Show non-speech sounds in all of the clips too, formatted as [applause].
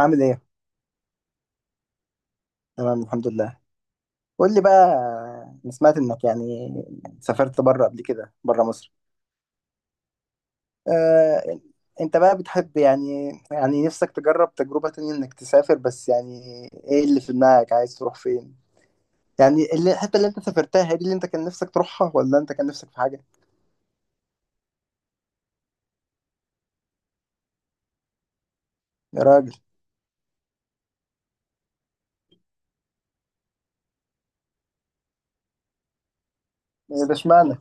عامل ايه؟ تمام، الحمد لله. قول لي بقى. انا سمعت انك يعني سافرت بره قبل كده، بره مصر. آه، انت بقى بتحب يعني نفسك تجرب تجربة تانية انك تسافر بس يعني. ايه اللي في دماغك؟ عايز تروح فين؟ يعني الحتة اللي انت سافرتها هي دي اللي انت كان نفسك تروحها، ولا انت كان نفسك في حاجة؟ يا راجل. إيه ده، اشمعنى؟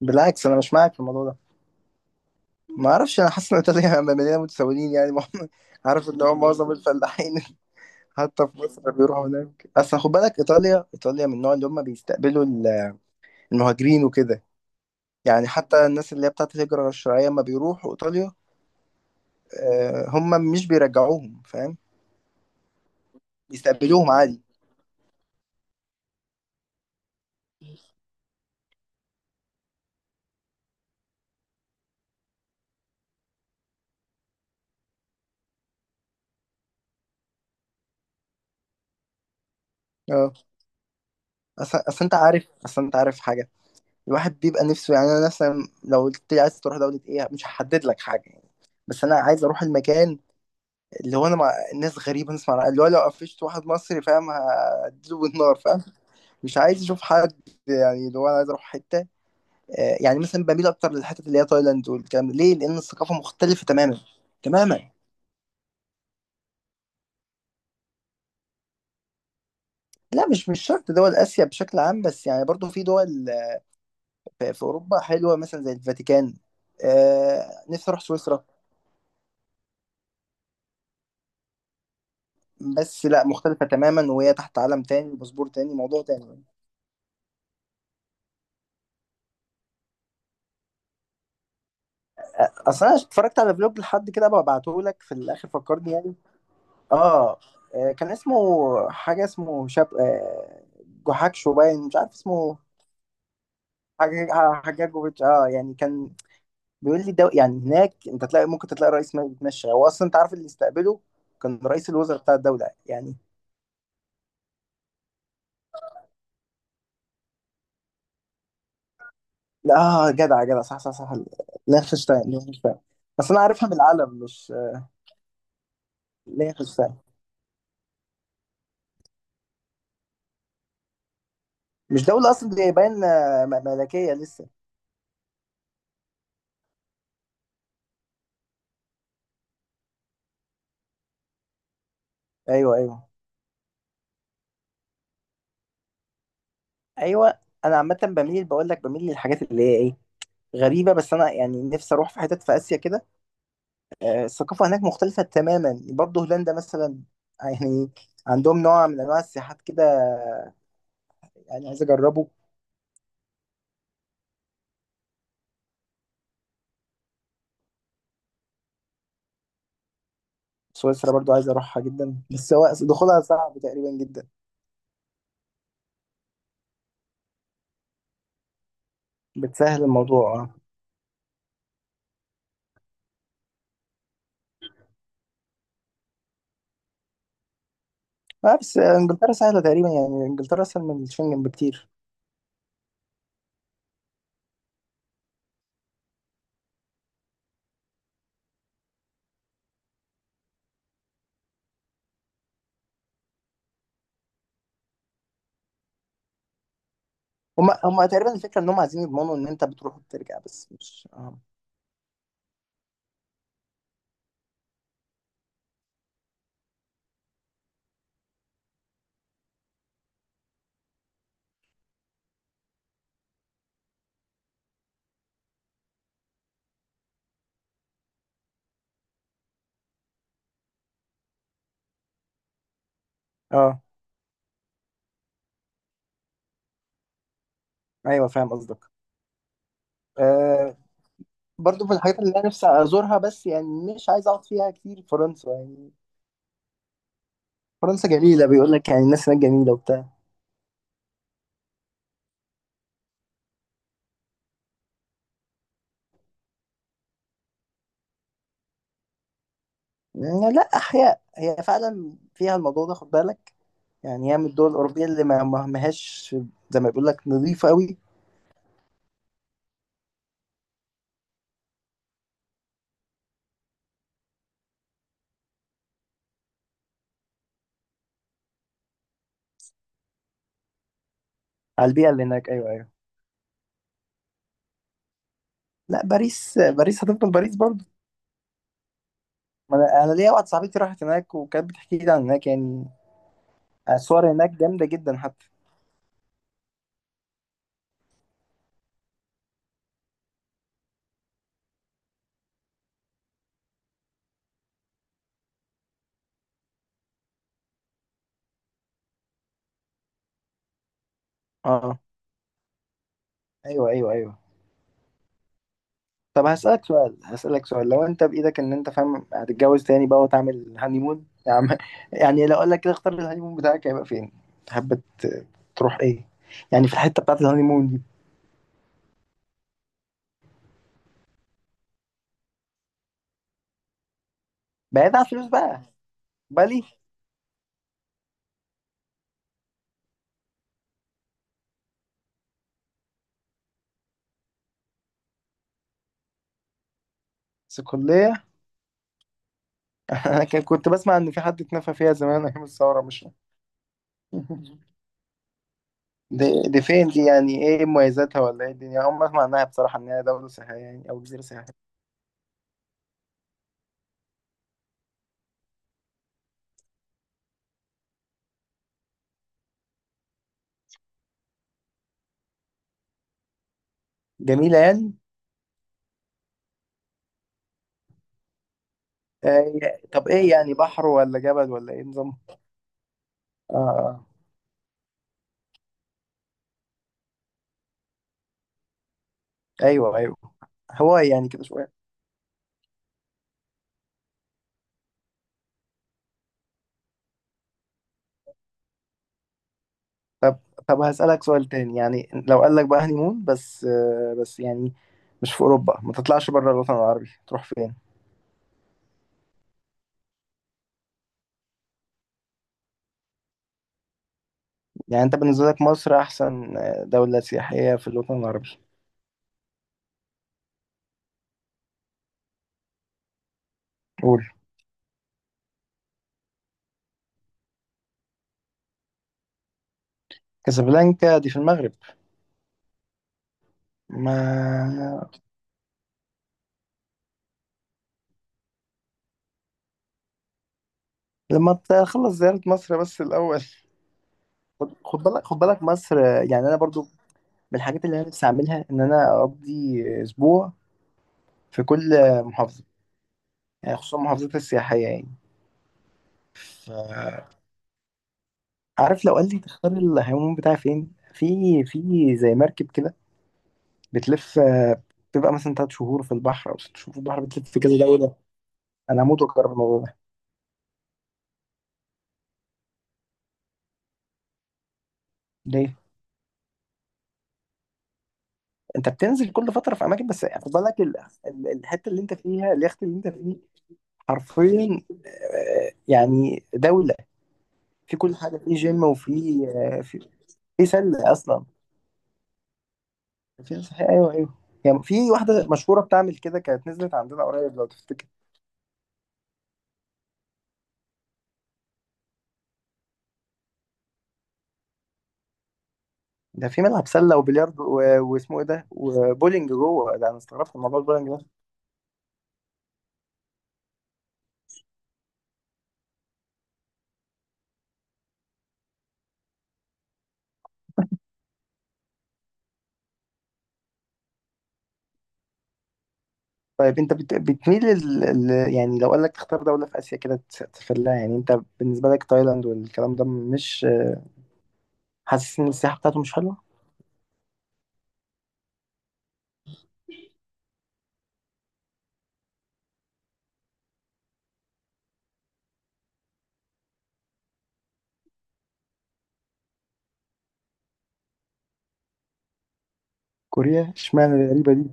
بالعكس، انا مش معاك في الموضوع ده. ما اعرفش، انا حاسس ان ايطاليا مليانة متسولين يعني [laughs] عارف اللي هو معظم الفلاحين حتى في مصر بيروحوا هناك. اصل خد بالك، ايطاليا ايطاليا من النوع اللي هم بيستقبلوا المهاجرين وكده. يعني حتى الناس اللي هي بتاعت الهجرة غير الشرعية، لما بيروحوا ايطاليا، هم مش بيرجعوهم، فاهم. بيستقبلوهم عادي. اه. اصل انت عارف، حاجة. الواحد بيبقى نفسه، يعني انا مثلا لو قلت لي عايز تروح دولة ايه، مش هحدد لك حاجة يعني. بس انا عايز اروح المكان اللي هو انا مع ناس غريبة، نسمع اللي هو لو قفشت واحد مصري فاهم هديله بالنار، فاهم. مش عايز اشوف حد. يعني اللي هو انا عايز اروح حتة، يعني مثلا بميل اكتر للحتت اللي هي تايلاند والكلام ده. ليه؟ لان الثقافه مختلفه تماما، تماما. لا، مش شرط دول اسيا بشكل عام، بس يعني برضو في دول. في اوروبا حلوه، مثلا زي الفاتيكان. نفسي اروح سويسرا. بس لا، مختلفه تماما، وهي تحت عالم تاني، باسبور تاني، موضوع تاني. اصل انا اتفرجت على فلوج لحد كده، ببعته لك في الاخر، فكرني يعني. اه. آه، كان اسمه حاجه، اسمه شاب، آه، جوحكشو، باين مش عارف اسمه. حاجة حاجة جوفيتش. اه، يعني كان بيقول لي ده يعني هناك انت تلاقي، ممكن تلاقي رئيس ما بيتمشى، هو اصلا انت عارف اللي استقبله كان رئيس الوزراء بتاع الدوله يعني. لا، آه، جدع جدع، صح صح صح. لينخشتاين لينخشتاين. بس انا عارفها من العلم، مش لينخشتاين. مش دوله اصلا، دي باين آه، ملكيه لسه. ايوه ايوه ايوه. انا عامه بميل، بقول لك بميل للحاجات اللي هي ايه، غريبه. بس انا يعني نفسي اروح في حتت في اسيا كده، آه، الثقافه هناك مختلفه تماما. برضه هولندا مثلا، يعني عندهم نوع من انواع السياحات كده، يعني عايز اجربه. سويسرا برضو عايز اروحها جدا، بس هو دخولها صعب تقريبا جدا. بتسهل الموضوع، اه. آه، بس انجلترا سهله تقريبا، يعني انجلترا اسهل من الشنجن بكتير. هما تقريبا الفكره ان هما عايزين يضمنوا ان انت بتروح وبترجع، بس مش. اه. اه، ايوه، فاهم قصدك. آه، برضو من الحاجات اللي انا نفسي ازورها، بس يعني مش عايز اقعد فيها كتير. فرنسا يعني، فرنسا جميله، بيقول لك يعني الناس هناك جميله وبتاع. يعني لا، احياء هي فعلا فيها الموضوع ده، خد بالك. يعني هي من الدول الأوروبية اللي ماهاش زي ما بيقول لك نظيفة قوي. على البيئة اللي هناك، أيوه أيوه. لا، باريس، باريس هتفضل باريس برضه. ما أنا ليا واحدة صاحبتي راحت هناك وكانت بتحكي لي عن هناك يعني. الصور هناك جامدة جدا حتى. أه، أيوه أيوه أيوه. طب هسألك سؤال، لو أنت بإيدك، إن أنت فاهم، هتتجوز تاني بقى وتعمل هانيمون يا عم [laughs] يعني لو أقول لك كده اختار الهانيمون بتاعك، هيبقى فين؟ تحب تروح إيه؟ يعني في الحتة بتاعت الهانيمون دي. بعيد عن الفلوس بقى. بالي، بس كلية. انا كنت بسمع ان في حد اتنفى فيها زمان ايام الثوره، مش؟ [laughs] دي فين دي؟ يعني ايه مميزاتها ولا ايه الدنيا؟ اول ما اسمع عنها بصراحه انها دوله سياحيه يعني، او جزيره سياحيه. جميله يعني؟ آه. طب ايه يعني، بحر ولا جبل ولا ايه نظام؟ آه آه. ايوه ايوه. هو يعني كده شويه. طب طب هسألك سؤال تاني، يعني لو قال لك بقى هنيمون بس بس يعني مش في اوروبا، ما تطلعش بره الوطن العربي، تروح فين؟ يعني انت بالنسبه لك مصر احسن دوله سياحيه في الوطن العربي؟ قول. كازابلانكا دي في المغرب. ما لما تخلص زيارة مصر بس الأول. خد بالك مصر. يعني أنا برضو من الحاجات اللي أنا نفسي أعملها إن أنا أقضي أسبوع في كل محافظة، يعني خصوصا المحافظات السياحية يعني. ف- عارف، لو قال لي تختار الهيموم بتاعي فين؟ في زي مركب كده، بتلف، بتبقى مثلا 3 شهور في البحر أو 6 شهور في البحر، بتلف في كذا دولة. أنا هموت وأجرب الموضوع ده. ليه؟ انت بتنزل كل فتره في اماكن، بس خد بالك الحته اللي انت فيها، اليخت اللي انت فيه حرفيا آه، يعني دوله. في كل حاجه، في جيم، وفي آه، في سله اصلا، في صحيح، ايوه ايوه. يعني في واحده مشهوره بتعمل كده كانت نزلت عندنا قريب لو تفتكر، ده في ملعب سله وبلياردو واسمه ايه ده، وبولينج جوه ده. انا استغربت من موضوع البولينج ده. طيب انت بتميل يعني لو قال لك تختار دوله في اسيا كده، تفلها يعني، انت بالنسبه لك تايلاند والكلام ده، مش حاسس ان السياحه بتاعته مش حلوه؟ كوريا، اشمعنى الغريبه دي؟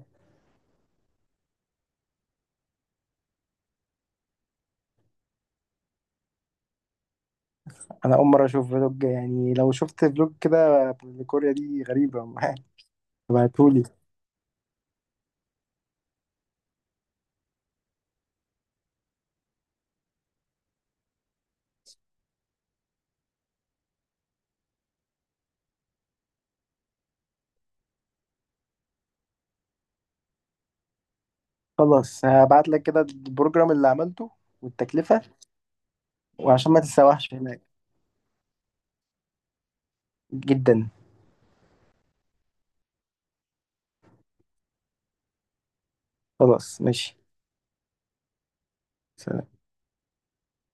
انا اول مره اشوف فلوج، يعني لو شفت فلوج كده لكوريا دي غريبه [laughs] ابعتهولي. خلاص هبعت لك كده البروجرام اللي عملته والتكلفه، وعشان ما تتسوحش هناك. جدا. خلاص ماشي. سلام.